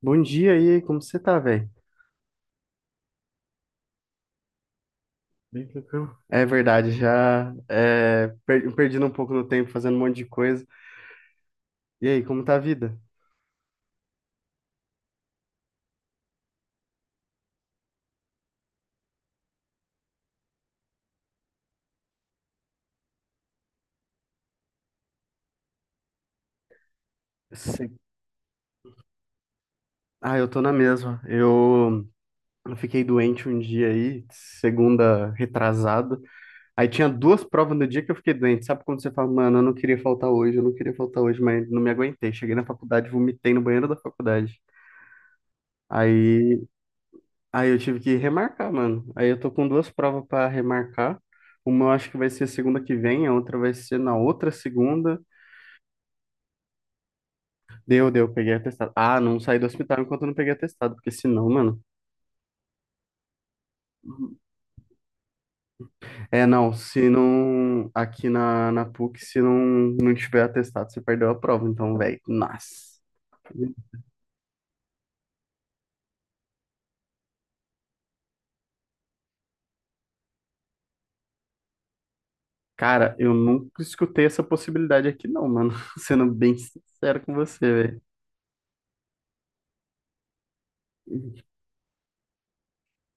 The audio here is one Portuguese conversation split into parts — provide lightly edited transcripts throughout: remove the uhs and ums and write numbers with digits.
Bom dia aí, como você tá, velho? Bem tranquilo. É verdade, já é, perdendo um pouco no tempo, fazendo um monte de coisa. E aí, como tá a vida? Cê- Ah, eu tô na mesma. Eu fiquei doente um dia aí, segunda retrasado. Aí tinha duas provas no dia que eu fiquei doente. Sabe quando você fala, mano, eu não queria faltar hoje, eu não queria faltar hoje, mas não me aguentei. Cheguei na faculdade, vomitei no banheiro da faculdade. Aí Aí eu tive que remarcar, mano. Aí eu tô com duas provas para remarcar. Uma eu acho que vai ser segunda que vem, a outra vai ser na outra segunda. Deu, deu, peguei atestado. Ah, não saí do hospital enquanto eu não peguei atestado, porque senão, mano. É, não, se não. Aqui na PUC, se não, não tiver atestado, você perdeu a prova. Então, velho, nossa. Cara, eu nunca escutei essa possibilidade aqui, não, mano. Sendo bem sincero com você, velho.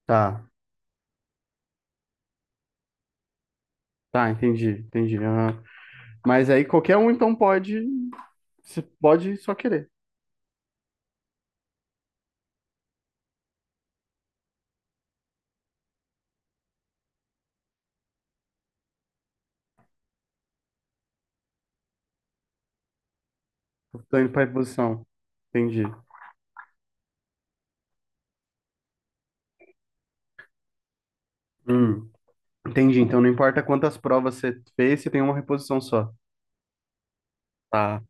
Tá, tá, entendi, entendi. Ah, mas aí qualquer um então pode. Você pode só querer. Tô indo pra reposição. Entendi. Hum, entendi. Então não importa quantas provas você fez, você tem uma reposição só. Tá.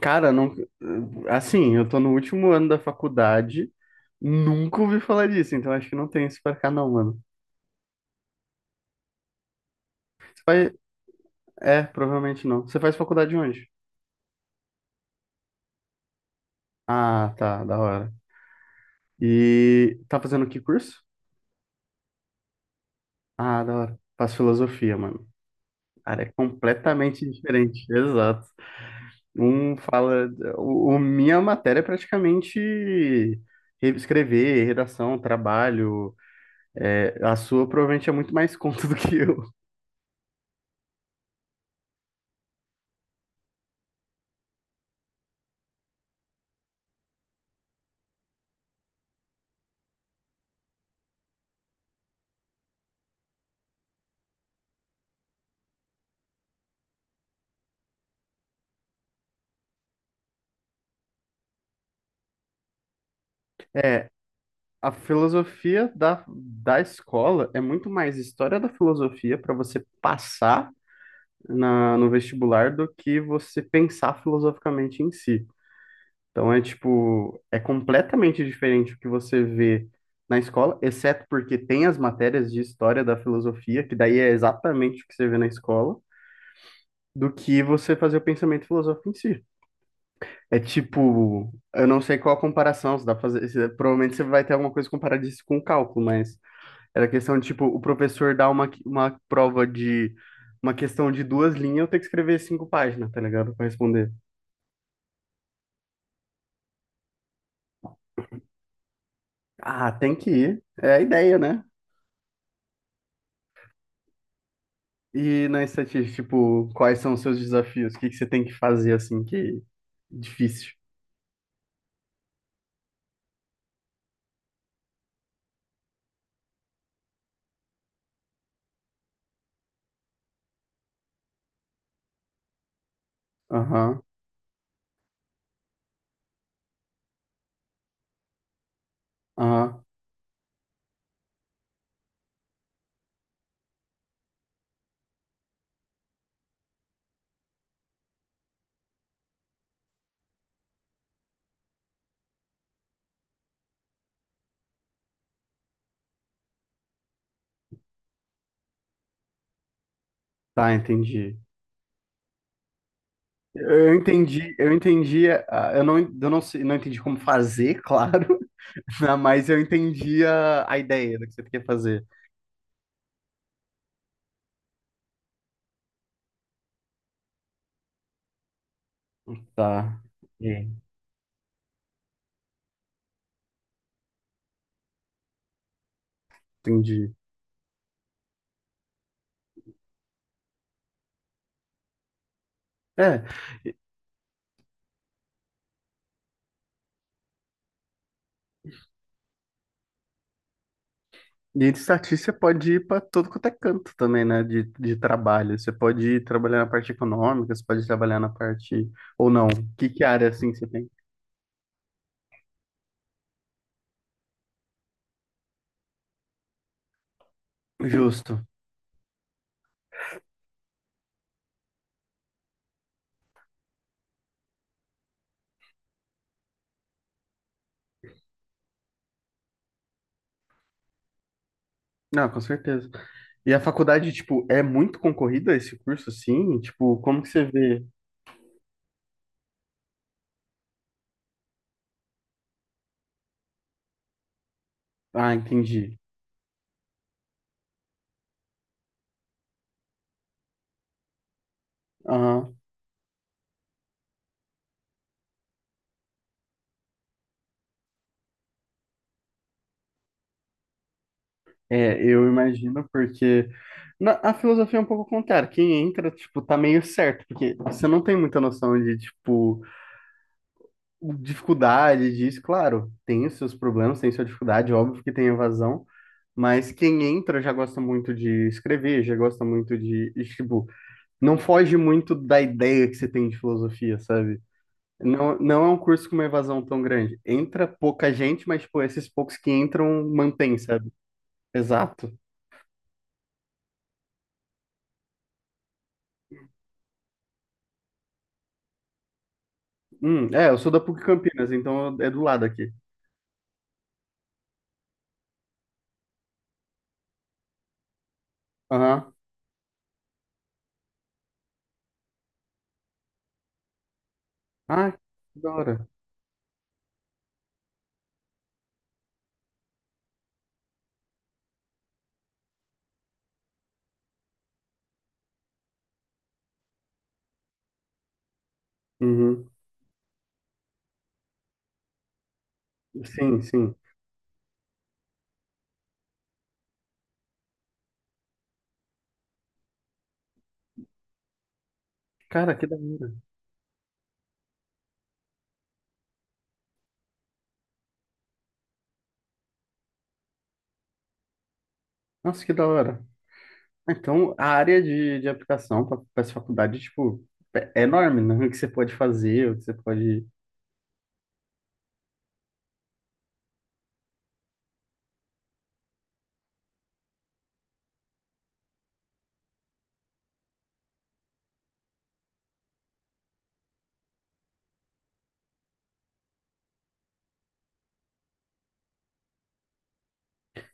Cara, não... assim, eu tô no último ano da faculdade, nunca ouvi falar disso, então acho que não tem isso pra cá, não, mano. Você faz... É, provavelmente não. Você faz faculdade onde? Ah, tá, da hora. E tá fazendo que curso? Ah, da hora. Faço filosofia, mano. Área completamente diferente. Exato. Um fala. Minha matéria é praticamente escrever, redação, trabalho. É, a sua provavelmente é muito mais conta do que eu. É, a filosofia da escola é muito mais história da filosofia para você passar no vestibular do que você pensar filosoficamente em si. Então é tipo, é completamente diferente o que você vê na escola, exceto porque tem as matérias de história da filosofia, que daí é exatamente o que você vê na escola, do que você fazer o pensamento filosófico em si. É tipo, eu não sei qual a comparação, se dá pra fazer, provavelmente você vai ter alguma coisa comparada isso com o cálculo, mas era questão de tipo, o professor dá uma prova de uma questão de duas linhas, eu tenho que escrever cinco páginas, tá ligado? Pra responder. Ah, tem que ir. É a ideia, né? E na estatística, tipo, quais são os seus desafios? O que que você tem que fazer assim que é difícil? Aham, aham. Tá, entendi. Eu entendi, eu entendi, eu não sei, não entendi como fazer, claro, né, mas eu entendi a ideia do que você quer fazer. Tá. É. Entendi. É, e de estatística pode ir para todo quanto é canto também, né? De trabalho. Você pode ir trabalhar na parte econômica, você pode trabalhar na parte. Ou não. Que área assim você tem? Justo. Não, com certeza. E a faculdade, tipo, é muito concorrida esse curso, assim? Tipo, como que você vê? Ah, entendi. Aham. É, eu imagino, porque a filosofia é um pouco contrária. Quem entra, tipo, tá meio certo, porque você não tem muita noção de, tipo, dificuldade disso. Claro, tem os seus problemas, tem sua dificuldade, óbvio que tem evasão, mas quem entra já gosta muito de escrever, já gosta muito de, e, tipo, não foge muito da ideia que você tem de filosofia, sabe? Não, não é um curso com uma evasão tão grande. Entra pouca gente, mas, tipo, esses poucos que entram, mantém, sabe? Exato. É, eu sou da PUC Campinas, então é do lado aqui. Aham. Ah, que da hora. Uhum. Sim, sim. Cara, que da hora. Nossa, que da hora. Então, a área de aplicação para essa faculdade, tipo, é é enorme, né? O que você pode fazer, o que você pode...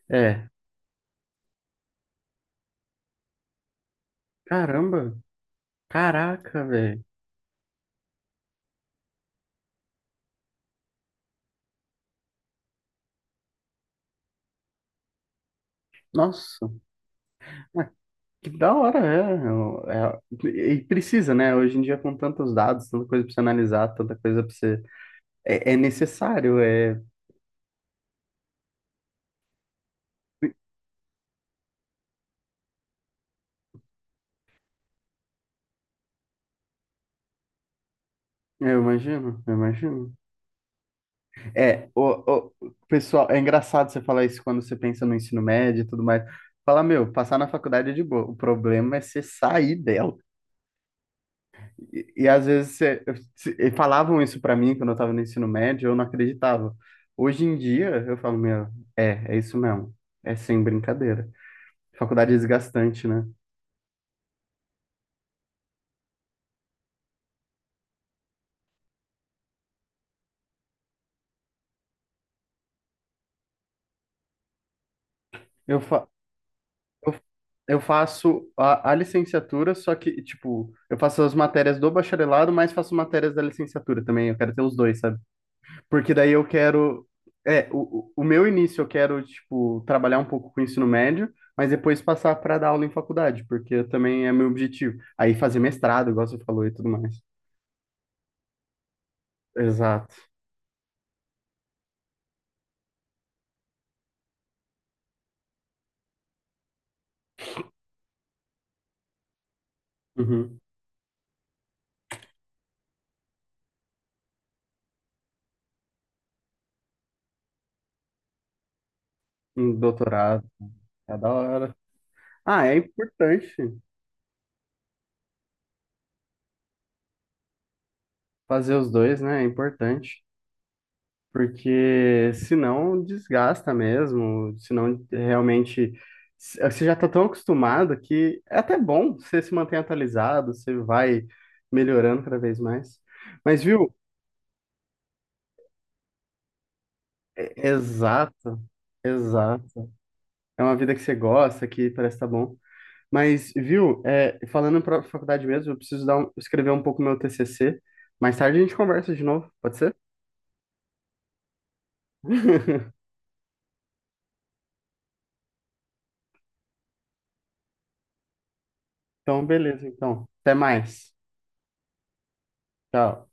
É. Caramba. Caraca, velho. Nossa. Que da hora, é, é. E precisa, né? Hoje em dia, com tantos dados, tanta coisa pra você analisar, tanta coisa pra você. É, é necessário, é. Eu imagino, eu imagino. É, pessoal, é engraçado você falar isso quando você pensa no ensino médio e tudo mais. Fala, meu, passar na faculdade é de boa. O problema é você sair dela. E às vezes você, e falavam isso pra mim quando eu tava no ensino médio, eu não acreditava. Hoje em dia, eu falo, meu, é, é isso mesmo. É sem brincadeira. Faculdade é desgastante, né? Eu, fa eu, eu faço a licenciatura, só que, tipo, eu faço as matérias do bacharelado, mas faço matérias da licenciatura também. Eu quero ter os dois, sabe? Porque daí eu quero. É, o meu início eu quero, tipo, trabalhar um pouco com o ensino médio, mas depois passar para dar aula em faculdade, porque também é meu objetivo. Aí fazer mestrado, igual você falou e tudo mais. Exato. Uhum. Um doutorado. É da hora. Ah, é importante fazer os dois, né? É importante. Porque senão desgasta mesmo, senão realmente você já está tão acostumado que é até bom você se manter atualizado, você vai melhorando cada vez mais. Mas viu? Exato, exato. É uma vida que você gosta, que parece que tá bom. Mas viu? É, falando para faculdade mesmo, eu preciso dar escrever um pouco meu TCC. Mais tarde a gente conversa de novo, pode ser? Então, beleza, então. Até mais. Tchau.